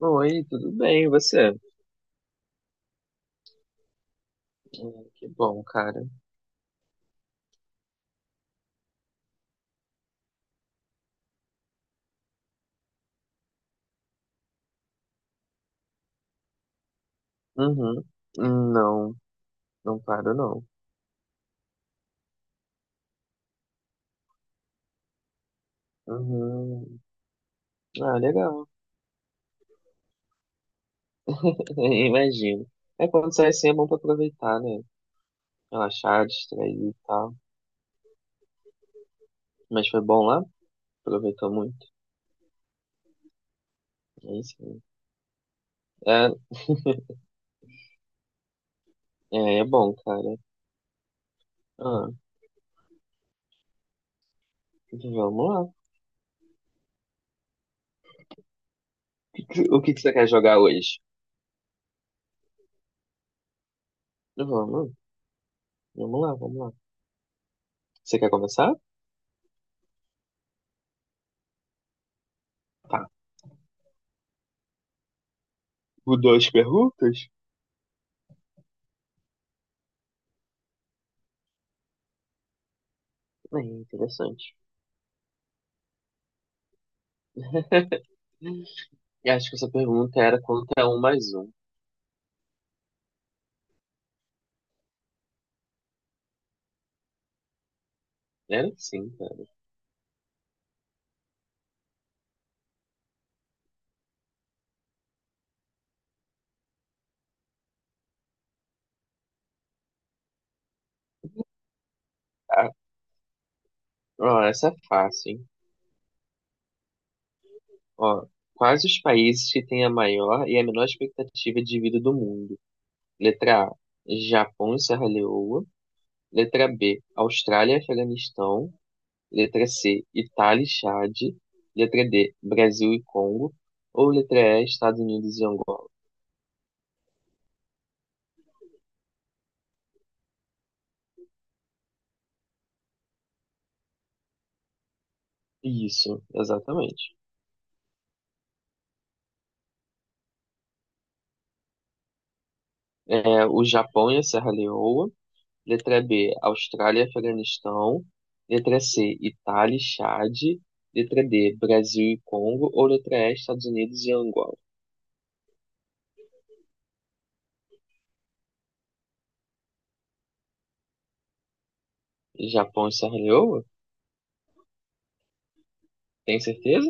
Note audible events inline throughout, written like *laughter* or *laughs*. Oi, tudo bem, e você? Que bom, cara. Uhum. Não, não paro, não. Uhum. Ah, legal. *laughs* Imagino. É quando sai assim é bom pra aproveitar, né? Relaxar, distrair e tal. Mas foi bom lá? Aproveitou muito. É isso aí. É, *laughs* é bom, cara. Ah, vamos lá. O que que você quer jogar hoje? Vamos, vamos lá, vamos lá. Você quer começar? Tá. O duas perguntas? É interessante. *laughs* Eu acho que essa pergunta era quanto é um mais um. Era sim, cara. Ah, ó, essa é fácil, hein? Ó, quais os países que têm a maior e a menor expectativa de vida do mundo? Letra A, Japão e Serra Leoa. Letra B, Austrália e Afeganistão. Letra C, Itália e Chade. Letra D, Brasil e Congo. Ou letra E, Estados Unidos e Angola. Isso, exatamente. É, o Japão e a Serra Leoa. Letra B, Austrália e Afeganistão. Letra C, Itália e Chad. Letra D, Brasil e Congo. Ou letra E, Estados Unidos e Angola. Japão e Serra Leoa? Tem certeza?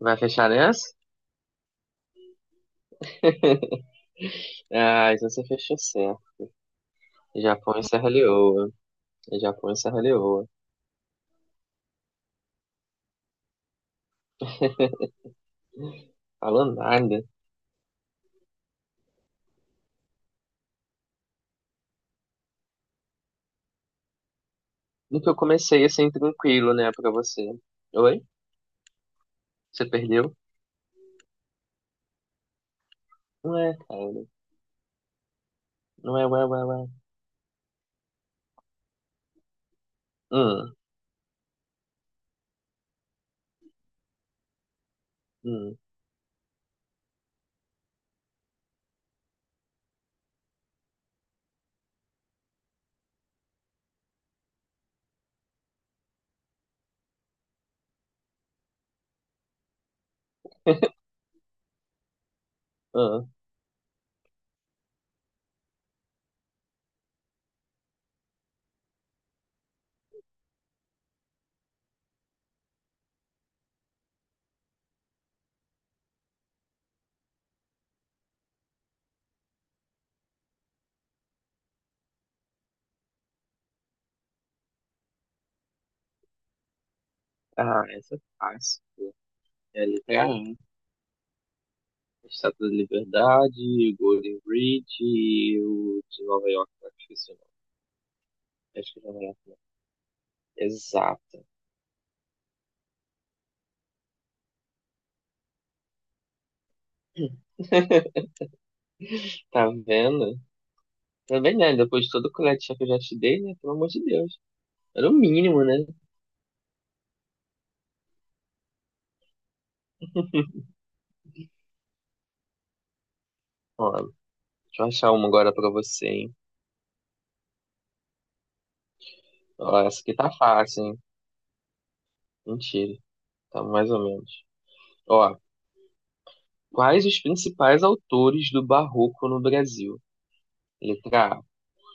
Vai fechar nessa? Ah, então você fechou certo. Japão e Serra Leoa. Japão e Serra Leoa. Falou nada. No que eu comecei assim, tranquilo, né, pra você. Oi? Você perdeu? Não é, cara. Não é, ué, ué, ué. Hum, hum, *laughs* hum. Ah, essa é fácil. É a letra A. Estátua da Liberdade, Golden Bridge e o de Nova York, não esqueci o nome. Acho que é Nova York, não. Exato. *laughs* Tá vendo? Também, né? Depois de todo o colete que eu já te dei, né? Pelo amor de Deus. Era o mínimo, né? Ó, deixa eu achar uma agora pra você, hein? Ó, essa aqui tá fácil, hein? Mentira. Tá mais ou menos. Ó, quais os principais autores do Barroco no Brasil? Letra A,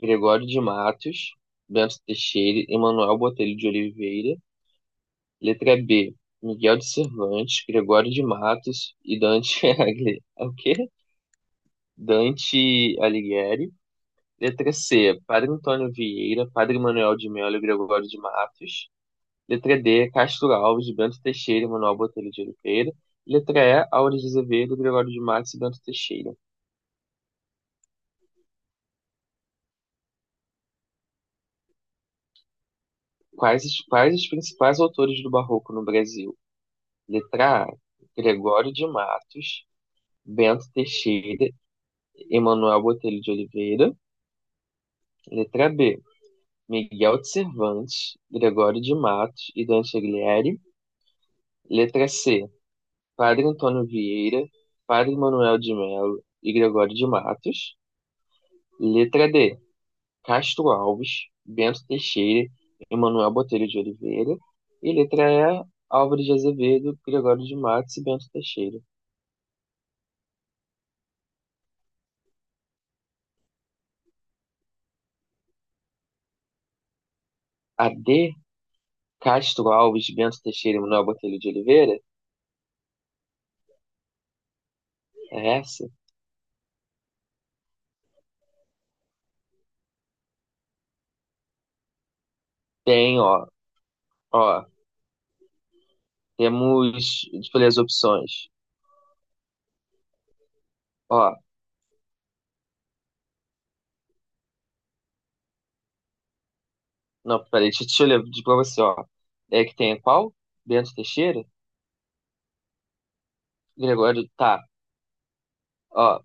Gregório de Matos, Bento Teixeira, Emanuel Botelho de Oliveira. Letra B, Miguel de Cervantes, Gregório de Matos e Dante *laughs* Alighieri. É? O quê? Dante Alighieri. Letra C, Padre Antônio Vieira, Padre Manuel de Melo e Gregório de Matos. Letra D, Castro Alves, Bento Teixeira e Manuel Botelho de Oliveira. Letra E, Aures de Azevedo, Gregório de Matos e Bento Teixeira. Quais os principais autores do Barroco no Brasil? Letra A, Gregório de Matos, Bento Teixeira, Emanuel Botelho de Oliveira. Letra B, Miguel de Cervantes, Gregório de Matos e Dan Chaglieri. Letra C, Padre Antônio Vieira, Padre Manuel de Melo e Gregório de Matos. Letra D, Castro Alves, Bento Teixeira, Emanuel Botelho de Oliveira. E letra E, Álvares de Azevedo, Gregório de Matos e Bento Teixeira. A D, Castro Alves, Bento Teixeira e Manuel Botelho de Oliveira? É essa? Tem, ó. Ó, temos, deixa eu ler as opções. Ó, não, peraí, deixa eu ler de pra você, ó. É que tem qual? Bento Teixeira? Gregório, tá. Ó,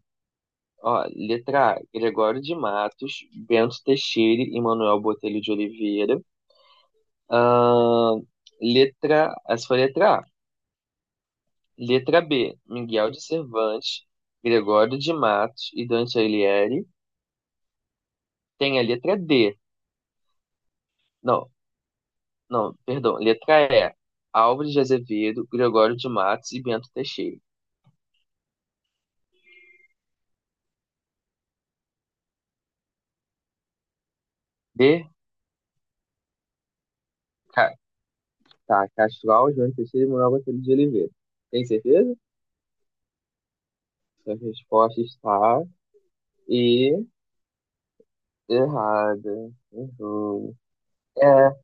ó, letra A, Gregório de Matos, Bento Teixeira e Manuel Botelho de Oliveira. Ahn, letra, essa foi a letra A. Letra B, Miguel de Cervantes, Gregório de Matos e Dante Alighieri. Tem a letra D. Não, não, perdão, letra E. Álvares de Azevedo, Gregório de Matos e Bento Teixeira. D, tá, Castral, João Teixeira e Manuel Botelho de Oliveira. Tem certeza? Então, a resposta está e errada. Errou. É,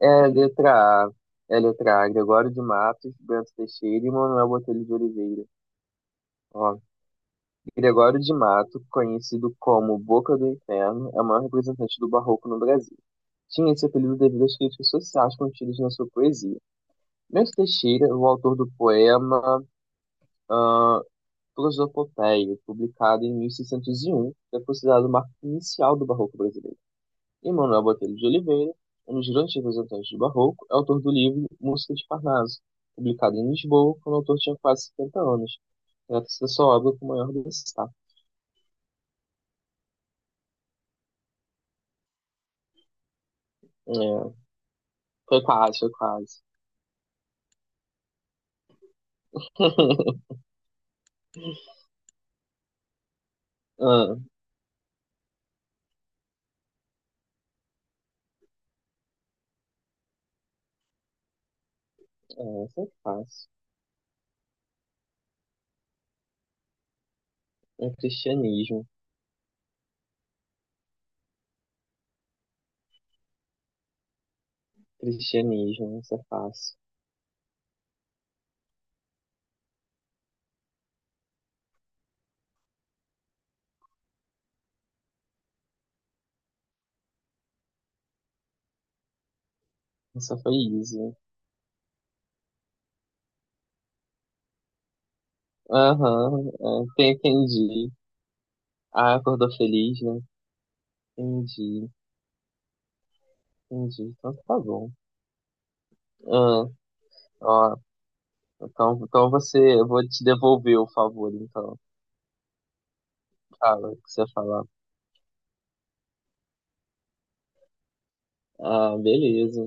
é letra A. É letra A. Gregório de Matos, Bento Teixeira e Manuel Botelho de Oliveira. Ó, Gregório de Mato, conhecido como Boca do Inferno, é o maior representante do barroco no Brasil. Tinha esse apelido devido às críticas sociais contidas na sua poesia. Bento Teixeira, o autor do poema ah, Prosopopeia, publicado em 1601, é considerado o marco inicial do Barroco brasileiro. E Manuel Botelho de Oliveira, um dos grandes representantes do Barroco, é autor do livro Música de Parnaso, publicado em Lisboa quando o autor tinha quase 70 anos. Trata-se da sua obra com maior destaque. É, foi quase, foi quase. *laughs* ah, é, isso é fácil. É cristianismo, cristianismo, isso é fácil. Essa foi easy. Aham, é, entendi. Ah, acordou feliz, né? Entendi, entendi. Então tá bom. Ah, ó, então, então você, eu vou te devolver o favor, então. Fala, o que você falar. Ah, beleza.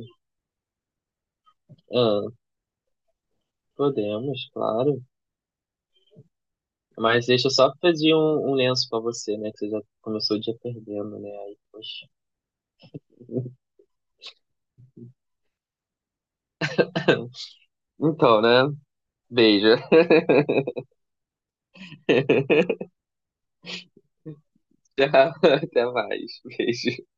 Ah, podemos, claro. Mas deixa eu só pedir um lenço pra você, né? Que você já começou o dia perdendo, né? Aí, poxa. *laughs* Então, né? Beijo. *laughs* Tchau, até mais. Beijo.